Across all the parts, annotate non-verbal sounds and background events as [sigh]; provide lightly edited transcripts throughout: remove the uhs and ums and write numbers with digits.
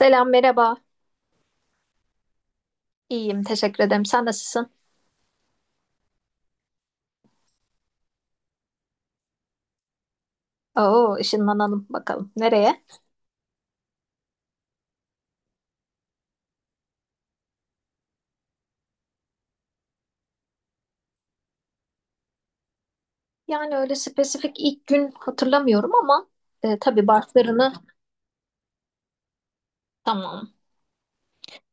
Selam, merhaba. İyiyim, teşekkür ederim. Sen nasılsın? Oo, ışınlanalım bakalım. Nereye? Yani öyle spesifik ilk gün hatırlamıyorum ama tabii başlarını tamam.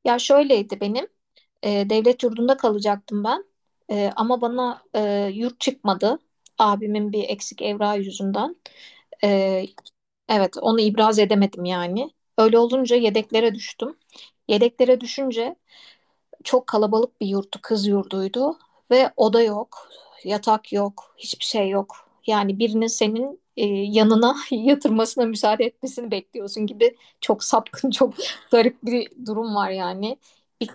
Ya şöyleydi benim. Devlet yurdunda kalacaktım ben. Ama bana yurt çıkmadı. Abimin bir eksik evrağı yüzünden. E, evet, onu ibraz edemedim yani. Öyle olunca yedeklere düştüm. Yedeklere düşünce çok kalabalık bir yurttu, kız yurduydu ve oda yok, yatak yok, hiçbir şey yok. Yani birinin senin yanına [laughs] yatırmasına müsaade etmesini bekliyorsun gibi, çok sapkın, çok [laughs] garip bir durum var yani. Bir,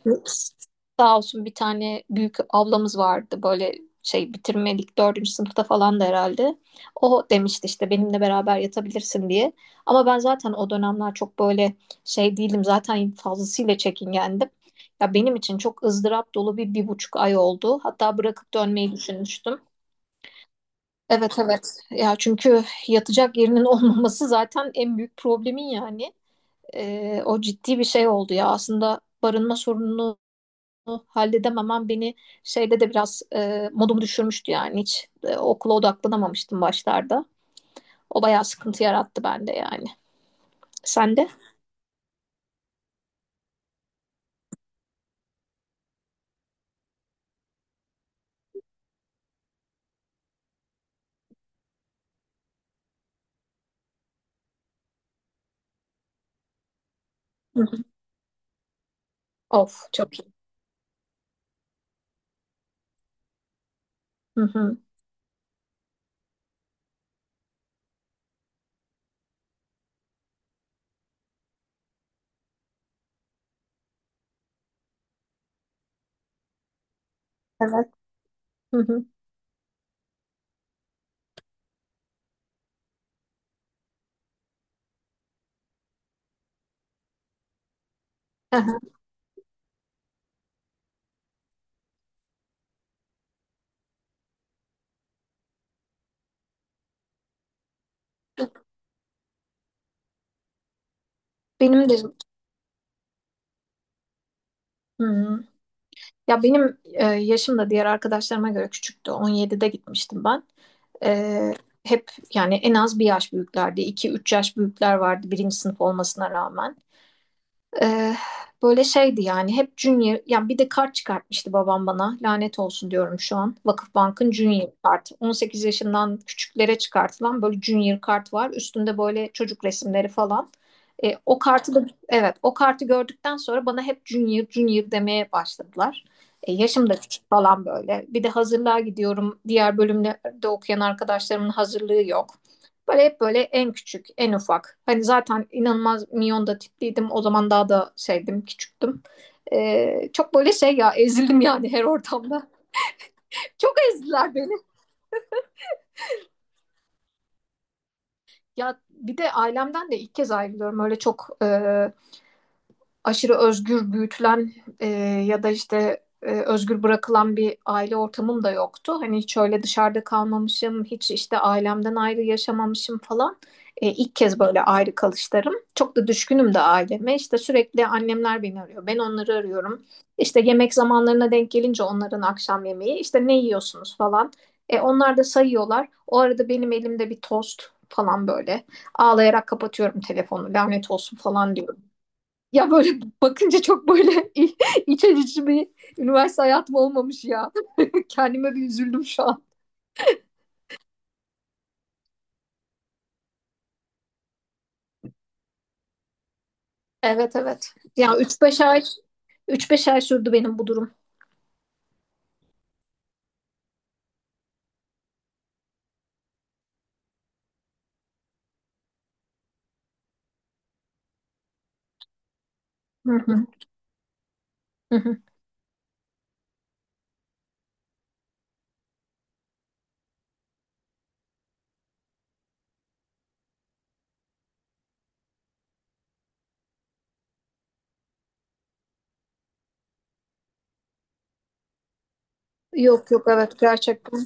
sağ olsun bir tane büyük ablamız vardı, böyle şey bitirmedik dördüncü sınıfta falan da herhalde. O demişti işte benimle beraber yatabilirsin diye. Ama ben zaten o dönemler çok böyle şey değildim. Zaten fazlasıyla çekingendim. Ya benim için çok ızdırap dolu bir buçuk ay oldu. Hatta bırakıp dönmeyi düşünmüştüm. Evet, evet. Ya çünkü yatacak yerinin [laughs] olmaması zaten en büyük problemin yani. O ciddi bir şey oldu ya. Aslında barınma sorununu halledememem beni şeyde de biraz modumu düşürmüştü yani. Hiç okula odaklanamamıştım başlarda. O bayağı sıkıntı yarattı bende yani. Sen de? Hı hı. Of, çok iyi. Hı hı. Evet. Hı hı. Aha. Benim de. Hı hı. Ya benim yaşım da diğer arkadaşlarıma göre küçüktü. 17'de gitmiştim ben. E, hep yani en az bir yaş büyüklerdi. 2 üç yaş büyükler vardı birinci sınıf olmasına rağmen. Ee, böyle şeydi yani, hep Junior. Yani bir de kart çıkartmıştı babam bana, lanet olsun diyorum şu an. Vakıfbank'ın Junior kartı, 18 yaşından küçüklere çıkartılan, böyle Junior kart var, üstünde böyle çocuk resimleri falan. O kartı da, evet, o kartı gördükten sonra bana hep Junior Junior demeye başladılar. Yaşım da küçük falan, böyle bir de hazırlığa gidiyorum, diğer bölümlerde okuyan arkadaşlarımın hazırlığı yok. Böyle hep böyle en küçük, en ufak. Hani zaten inanılmaz minyon da tipliydim. O zaman daha da şeydim, küçüktüm. Çok böyle şey, ya ezildim yani her ortamda. [laughs] Çok ezdiler beni. Ya bir de ailemden de ilk kez ayrılıyorum. Öyle çok aşırı özgür büyütülen, e, ya da işte özgür bırakılan bir aile ortamım da yoktu. Hani hiç öyle dışarıda kalmamışım, hiç işte ailemden ayrı yaşamamışım falan. E, ilk kez böyle ayrı kalışlarım. Çok da düşkünüm de aileme. İşte sürekli annemler beni arıyor, ben onları arıyorum. İşte yemek zamanlarına denk gelince onların akşam yemeği, işte ne yiyorsunuz falan. Onlar da sayıyorlar. O arada benim elimde bir tost falan böyle. Ağlayarak kapatıyorum telefonu, lanet olsun falan diyorum. Ya böyle bakınca çok böyle [laughs] iç açıcı bir üniversite hayatım olmamış ya. [laughs] Kendime bir üzüldüm şu an. Evet, evet. Ya üç beş ay sürdü benim bu durum. Hı hı, hı hı. Yok, yok, evet, gerçekten.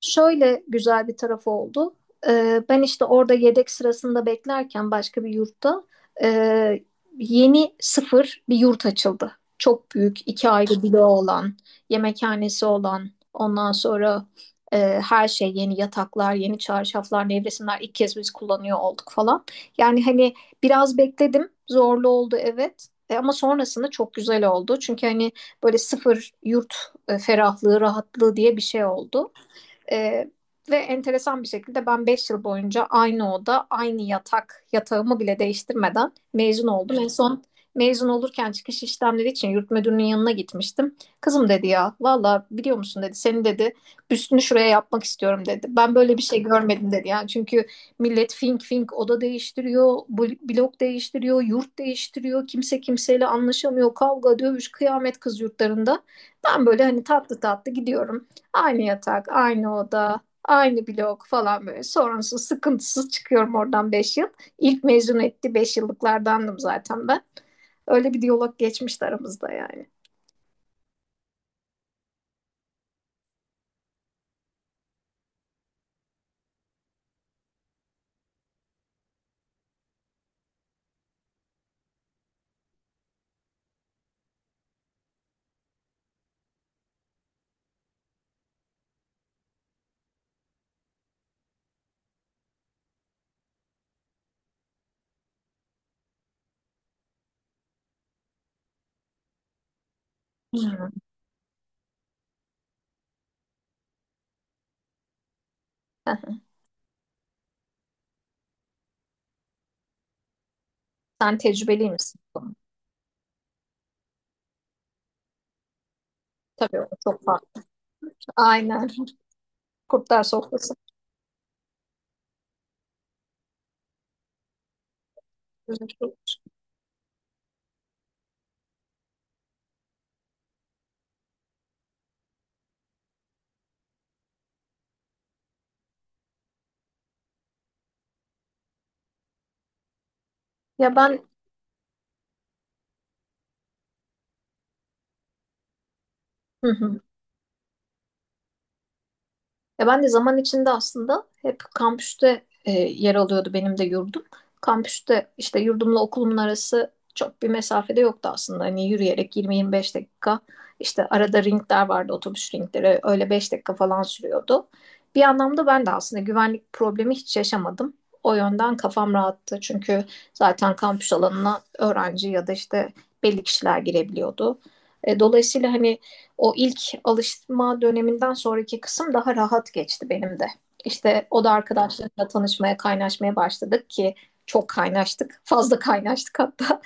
Şöyle güzel bir tarafı oldu. Ben işte orada yedek sırasında beklerken, başka bir yurtta e, yeni, sıfır bir yurt açıldı. Çok büyük, iki ayrı bloğu olan, yemekhanesi olan, ondan sonra e, her şey yeni: yataklar, yeni çarşaflar, nevresimler, ilk kez biz kullanıyor olduk falan. Yani hani biraz bekledim, zorlu oldu, evet. Ama sonrasında çok güzel oldu. Çünkü hani böyle sıfır yurt ferahlığı, rahatlığı diye bir şey oldu. Ee, ve enteresan bir şekilde ben 5 yıl boyunca aynı oda, aynı yatak, yatağımı bile değiştirmeden mezun oldum. En son mezun olurken çıkış işlemleri için yurt müdürünün yanına gitmiştim. Kızım, dedi, ya valla biliyor musun, dedi, seni, dedi, büstünü şuraya yapmak istiyorum, dedi. Ben böyle bir şey görmedim, dedi. Yani çünkü millet fink fink oda değiştiriyor, blok değiştiriyor, yurt değiştiriyor. Kimse kimseyle anlaşamıyor, kavga, dövüş, kıyamet kız yurtlarında. Ben böyle hani tatlı tatlı gidiyorum. Aynı yatak, aynı oda, aynı blok falan böyle. Sorunsuz, sıkıntısız çıkıyorum oradan 5 yıl. İlk mezun etti 5 yıllıklardandım zaten ben. Öyle bir diyalog geçmişti aramızda yani. Hmm. Hı hı. [laughs] Sen tecrübeli misin? Tabii, o çok farklı. Aynen. Kurtlar sofrası. Ya ben Hı hı. Ya ben de zaman içinde aslında hep kampüste yer alıyordu benim de yurdum. Kampüste işte yurdumla okulumun arası çok bir mesafede yoktu aslında. Hani yürüyerek 20-25 dakika, işte arada ringler vardı, otobüs ringleri öyle 5 dakika falan sürüyordu. Bir anlamda ben de aslında güvenlik problemi hiç yaşamadım. O yönden kafam rahattı, çünkü zaten kampüs alanına öğrenci ya da işte belli kişiler girebiliyordu. Dolayısıyla hani o ilk alışma döneminden sonraki kısım daha rahat geçti benim de. İşte o da arkadaşlarımla tanışmaya, kaynaşmaya başladık ki çok kaynaştık. Fazla kaynaştık hatta,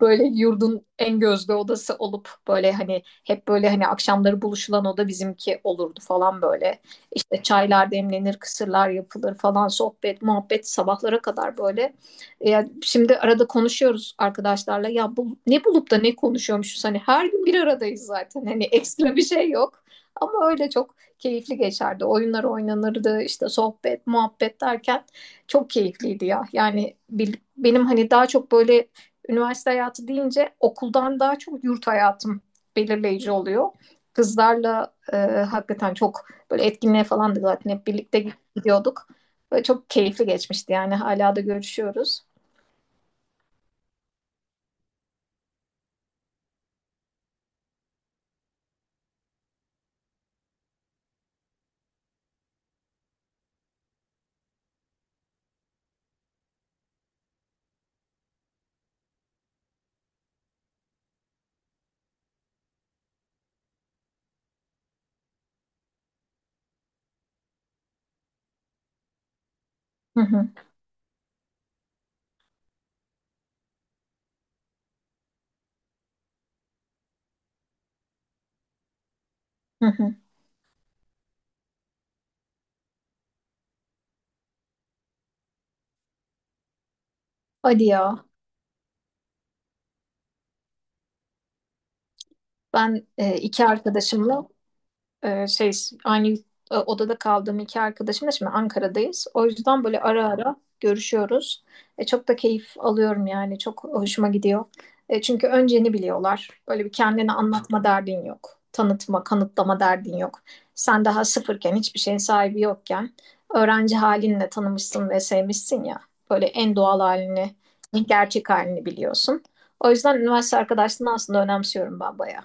böyle yurdun en gözde odası olup, böyle hani hep böyle hani akşamları buluşulan oda bizimki olurdu falan böyle. İşte çaylar demlenir, kısırlar yapılır falan, sohbet, muhabbet sabahlara kadar böyle. Yani şimdi arada konuşuyoruz arkadaşlarla, ya bu, ne bulup da ne konuşuyormuşuz, hani her gün bir aradayız zaten, hani ekstra bir şey yok. Ama öyle çok keyifli geçerdi. Oyunlar oynanırdı, işte sohbet, muhabbet derken çok keyifliydi ya. Yani benim hani daha çok böyle üniversite hayatı deyince okuldan daha çok yurt hayatım belirleyici oluyor. Kızlarla hakikaten çok böyle etkinliğe falan da zaten hep birlikte gidiyorduk. Böyle çok keyifli geçmişti yani, hala da görüşüyoruz. Hı hı, hı hı. Hadi ya. Ben e, iki arkadaşımla Ee, şey aynı odada kaldığım iki arkadaşım da şimdi Ankara'dayız. O yüzden böyle ara ara görüşüyoruz. Çok da keyif alıyorum yani. Çok hoşuma gidiyor. Çünkü önceni biliyorlar. Böyle bir kendini anlatma derdin yok. Tanıtma, kanıtlama derdin yok. Sen daha sıfırken, hiçbir şeyin sahibi yokken öğrenci halinle tanımışsın ve sevmişsin ya. Böyle en doğal halini, en gerçek halini biliyorsun. O yüzden üniversite arkadaşlığını aslında önemsiyorum ben bayağı.